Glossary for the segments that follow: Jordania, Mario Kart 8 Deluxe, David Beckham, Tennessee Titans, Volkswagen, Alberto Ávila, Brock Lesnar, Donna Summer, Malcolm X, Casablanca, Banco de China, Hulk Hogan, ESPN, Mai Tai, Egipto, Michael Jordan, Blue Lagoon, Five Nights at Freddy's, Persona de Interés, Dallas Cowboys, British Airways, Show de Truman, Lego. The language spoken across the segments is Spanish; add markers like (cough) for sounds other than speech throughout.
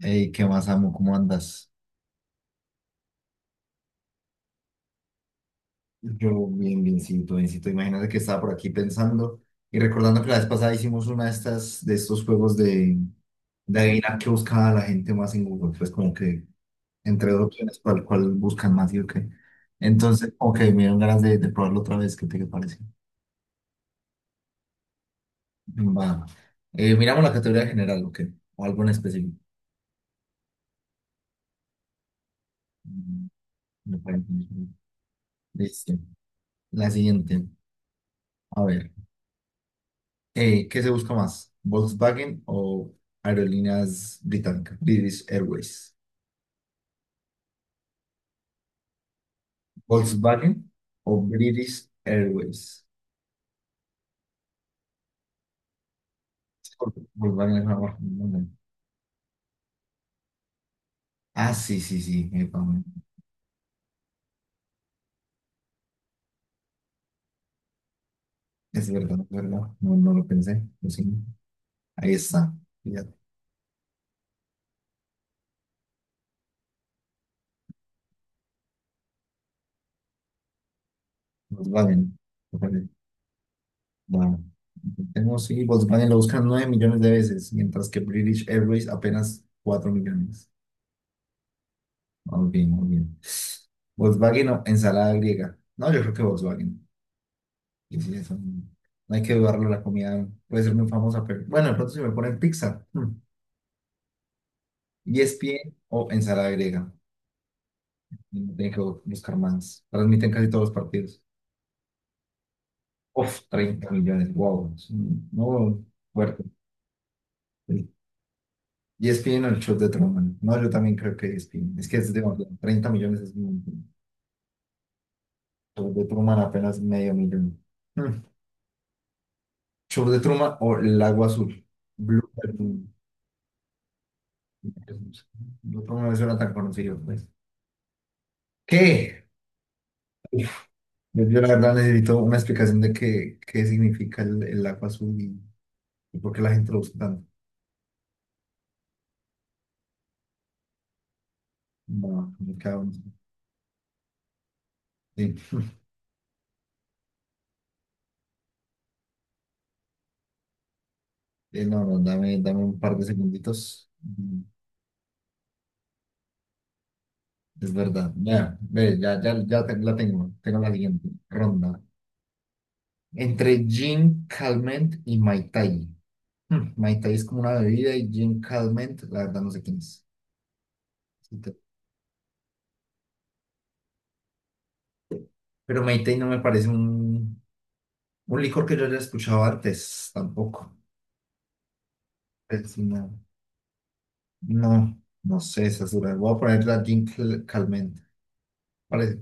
Hey, ¿qué más, amo? ¿Cómo andas? Yo bien, biencito. Imagínate que estaba por aquí pensando y recordando que la vez pasada hicimos una de estas, de estos juegos de adivinar qué buscaba la gente más en Google. Pues como que entre dos opciones, cuál buscan más y o qué. Entonces, ok, me dieron ganas de probarlo otra vez. ¿Qué te parece? Va. Miramos la categoría general, ¿o qué? O algo en específico. Mm, me parece. Listo. La siguiente. A ver. ¿Qué se busca más? ¿Volkswagen o aerolíneas británicas? British Airways. ¿Volkswagen o British Airways? Volkswagen es una marca muy grande. Ah, sí, sí, sí. Epa, man. Es verdad, es verdad. No, no lo pensé. Lo siento. Ahí está. Fíjate. Volkswagen. Ojalá. Bueno, tenemos, sí, Volkswagen lo buscan 9 millones de veces, mientras que British Airways apenas 4 millones. Muy bien, muy bien. ¿Volkswagen o ensalada griega? No, yo creo que Volkswagen. Y sí, eso, no hay que dudarlo, la comida puede ser muy famosa, pero bueno, de pronto si me ponen pizza, ESPN o ensalada griega, no tienen que buscar más. Transmiten casi todos los partidos. Uf, 30 millones, wow, no, fuerte. ESPN o el show de Truman, no, yo también creo que ESPN, es que es de bueno, 30 millones es un montón. Show de Truman apenas medio millón. Hmm, Show de Truman o el agua azul, Blue Lagoon. No me suena tan conocido, pues. ¿Qué? Yo la verdad necesito una explicación de qué, qué significa el agua azul y por qué la gente lo usa tanto. No, sí. (laughs) No, no, dame un par de segunditos. Es verdad. Ya, ve, ya, ya, la tengo. Tengo la siguiente ronda. Entre gin, calmant y Mai Tai. Hmm, Mai Tai es como una bebida y gin calmant, la verdad no sé quién es. Sí te- Pero Mai Tai no me parece un licor que yo haya escuchado antes, tampoco. Es una- No, no sé, esa es voy a poner la Calment. Vale,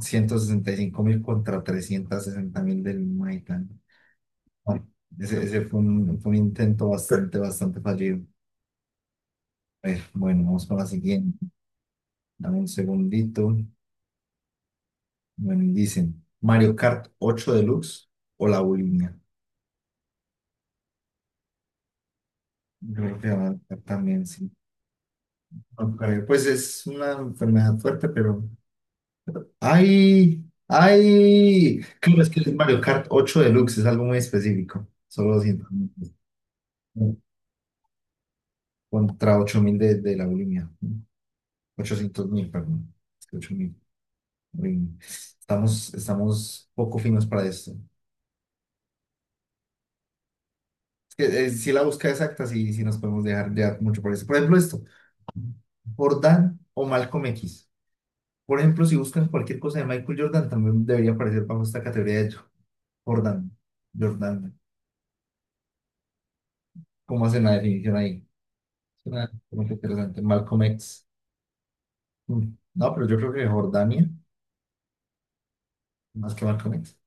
165.000 contra 360.000 del Maitan. No, ese fue fue un intento bastante fallido. A ver, bueno, vamos con la siguiente. Dame un segundito. Bueno, y dicen Mario Kart 8 Deluxe o la bulimia. Yo creo que va a estar también, sí. No creo. Pues es una enfermedad fuerte, pero ay, ay. Claro, es que el Mario Kart 8 Deluxe es algo muy específico. Solo 200.000 pues, no, contra 8.000 de la bulimia, ¿no? 800.000, perdón. Es que 8 mil. Bulimia. Estamos poco finos para esto. Es que, si la busca exacta, sí, sí nos podemos dejar ya mucho por eso. Por ejemplo, esto. Jordan o Malcolm X. Por ejemplo, si buscan cualquier cosa de Michael Jordan, también debería aparecer bajo esta categoría de Jordan. Jordan. ¿Cómo hacen la definición ahí? Suena como que interesante. Malcolm X. Mm. No, pero yo creo que Jordania, más que Malcolm X.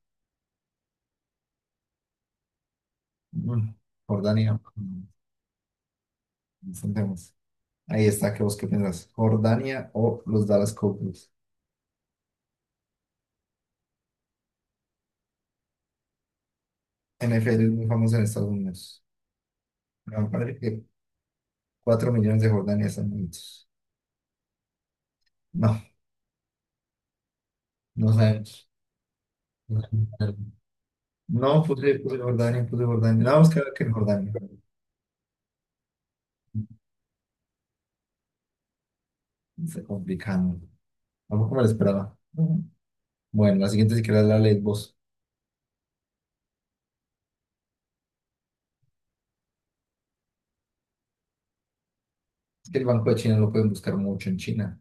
Mm. Jordania. Enfrentemos. Ahí está, ¿qué vos qué pensás? ¿Jordania o los Dallas Cowboys? NFL es muy famoso en Estados Unidos. Pero me parece que 4 millones de Jordania están bonitos. No, no sabemos. No, sabemos. No, puse Jordania, puse Jordania. No, vamos a quedar que en Jordania. Está complicado. Tampoco me lo esperaba. Bueno, la siguiente si querés la lees vos. Es que el Banco de China lo pueden buscar mucho en China.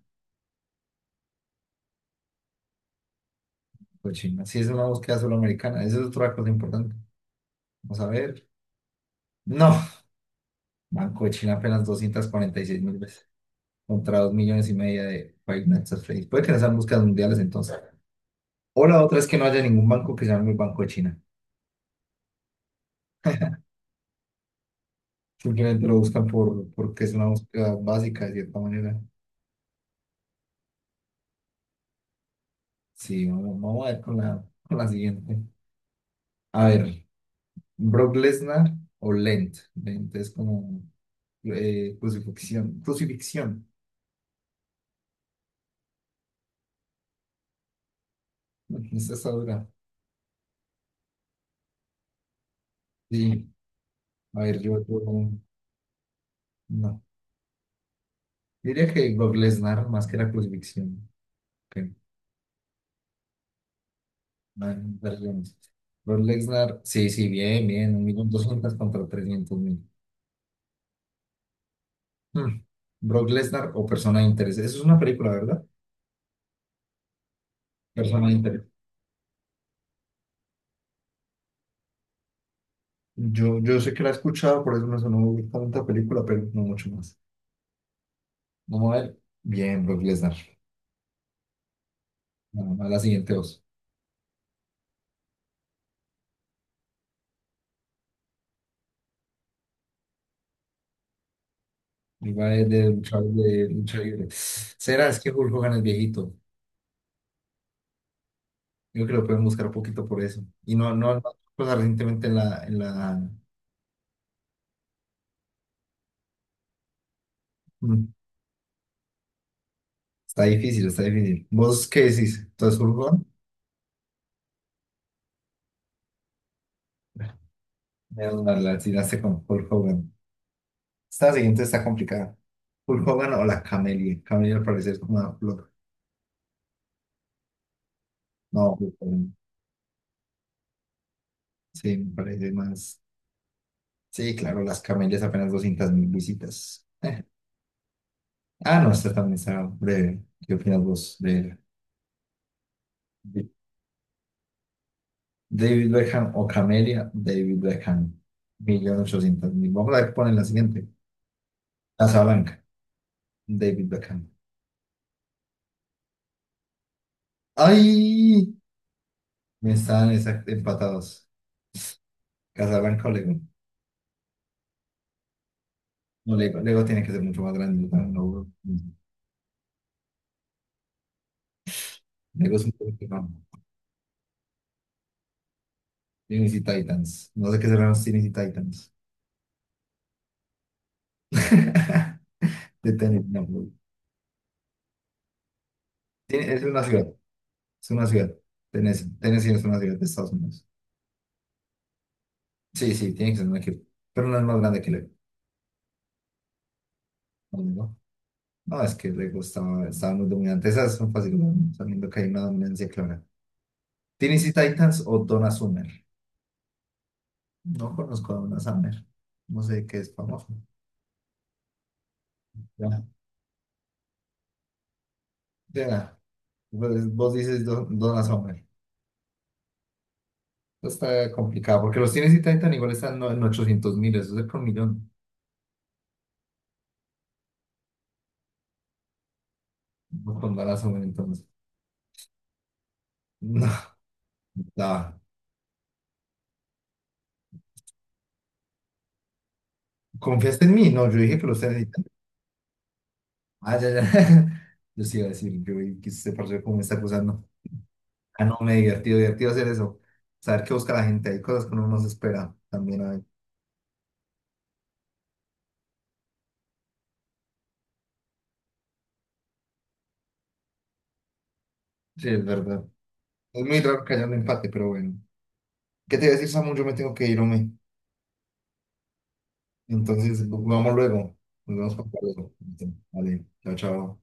Banco de China. Si es una búsqueda solo americana, esa es otra cosa importante. Vamos a ver. No, Banco de China apenas 246.000 veces contra 2,5 millones de Five Nights at Freddy's. Puede que no sean búsquedas mundiales entonces. O la otra es que no haya ningún banco que se llame el Banco de China. Simplemente lo buscan por, porque es una búsqueda básica de cierta manera. Sí, vamos, vamos a ver con la siguiente. A ver, Brock Lesnar o Lent. Lent es como crucifixión. Crucifixión. Esta está dura. Sí. A ver, yo no. Diría que Brock Lesnar, más que la crucifixión. Ok. Vale, perdón. Brock Lesnar, sí, sí, bien, bien. 1.200.000 contra 300.000. Hmm. Brock Lesnar o Persona de Interés. Eso es una película, ¿verdad? Persona de Interés. Yo sé que la he escuchado, por eso me sonó tanta película, pero no mucho más. Vamos a ver. Bien, Brock Lesnar. Bueno, a la siguiente voz. Iba a ir de luchador de lucha libre. ¿Será? Es que Hulk Hogan es viejito. Yo creo que lo pueden buscar un poquito por eso. Y no, no, no, pues recientemente en la... mm, está difícil, está difícil. ¿Vos qué decís? ¿Entonces Hogan? Menos mal, la tiraste con Hulk Hogan. Esta siguiente está complicada. ¿Hulk Hogan o la Camelia? Camelia al parecer es como una flor. No, Hulk Hogan. Sí, me parece más... Sí, claro, las camelias apenas 200.000 visitas. (laughs) Ah, no, esta también está breve. ¿Qué opinas vos de ella? David Beckham o Camelia, David Beckham, 1.800.000. Vamos a ver, ponen la siguiente. Casablanca, David Beckham. ¡Ay! Empatados. Casablanca o Lego. No, Lego, Lego tiene que ser mucho más grande. No, no, no. Lego es un poco que no. Tennessee Titans. No sé qué serán los Tennessee Titans. (laughs) De tenis, no. No. Es una ciudad. Es una ciudad. Tennessee es una ciudad de Estados Unidos. Sí, sí, tiene que ser un equipo. Pero no es más grande que Lego. No, no. No. No, es que le gustaba, estaba muy dominante. Esas son fáciles, sabiendo que hay una dominancia clara. ¿Tennessee Titans o Donna Summer? No conozco a Donna Summer. No sé qué es famoso. Ya, ya. Pues, vos dices Donna Summer. Esto está complicado, porque los Tennessee Titans igual están en 800.000, eso es con millón. No con Donna Summer, entonces. No, no. ¿Confiaste en mí? No, yo dije que los Tennessee Titans. Ah, ya, ya. (laughs) Yo sí iba a decir, yo vi que usted parece como me está acusando. Ah, no, me divertido, divertido hacer eso. Saber qué busca la gente. Hay cosas que uno no se espera también. Hay. Sí, es verdad. Es muy raro que haya un empate, pero bueno. ¿Qué te voy a decir, Samu? Yo me tengo que ir, hombre. Entonces, vamos luego. Nos vemos para luego. Vale, chao, chao.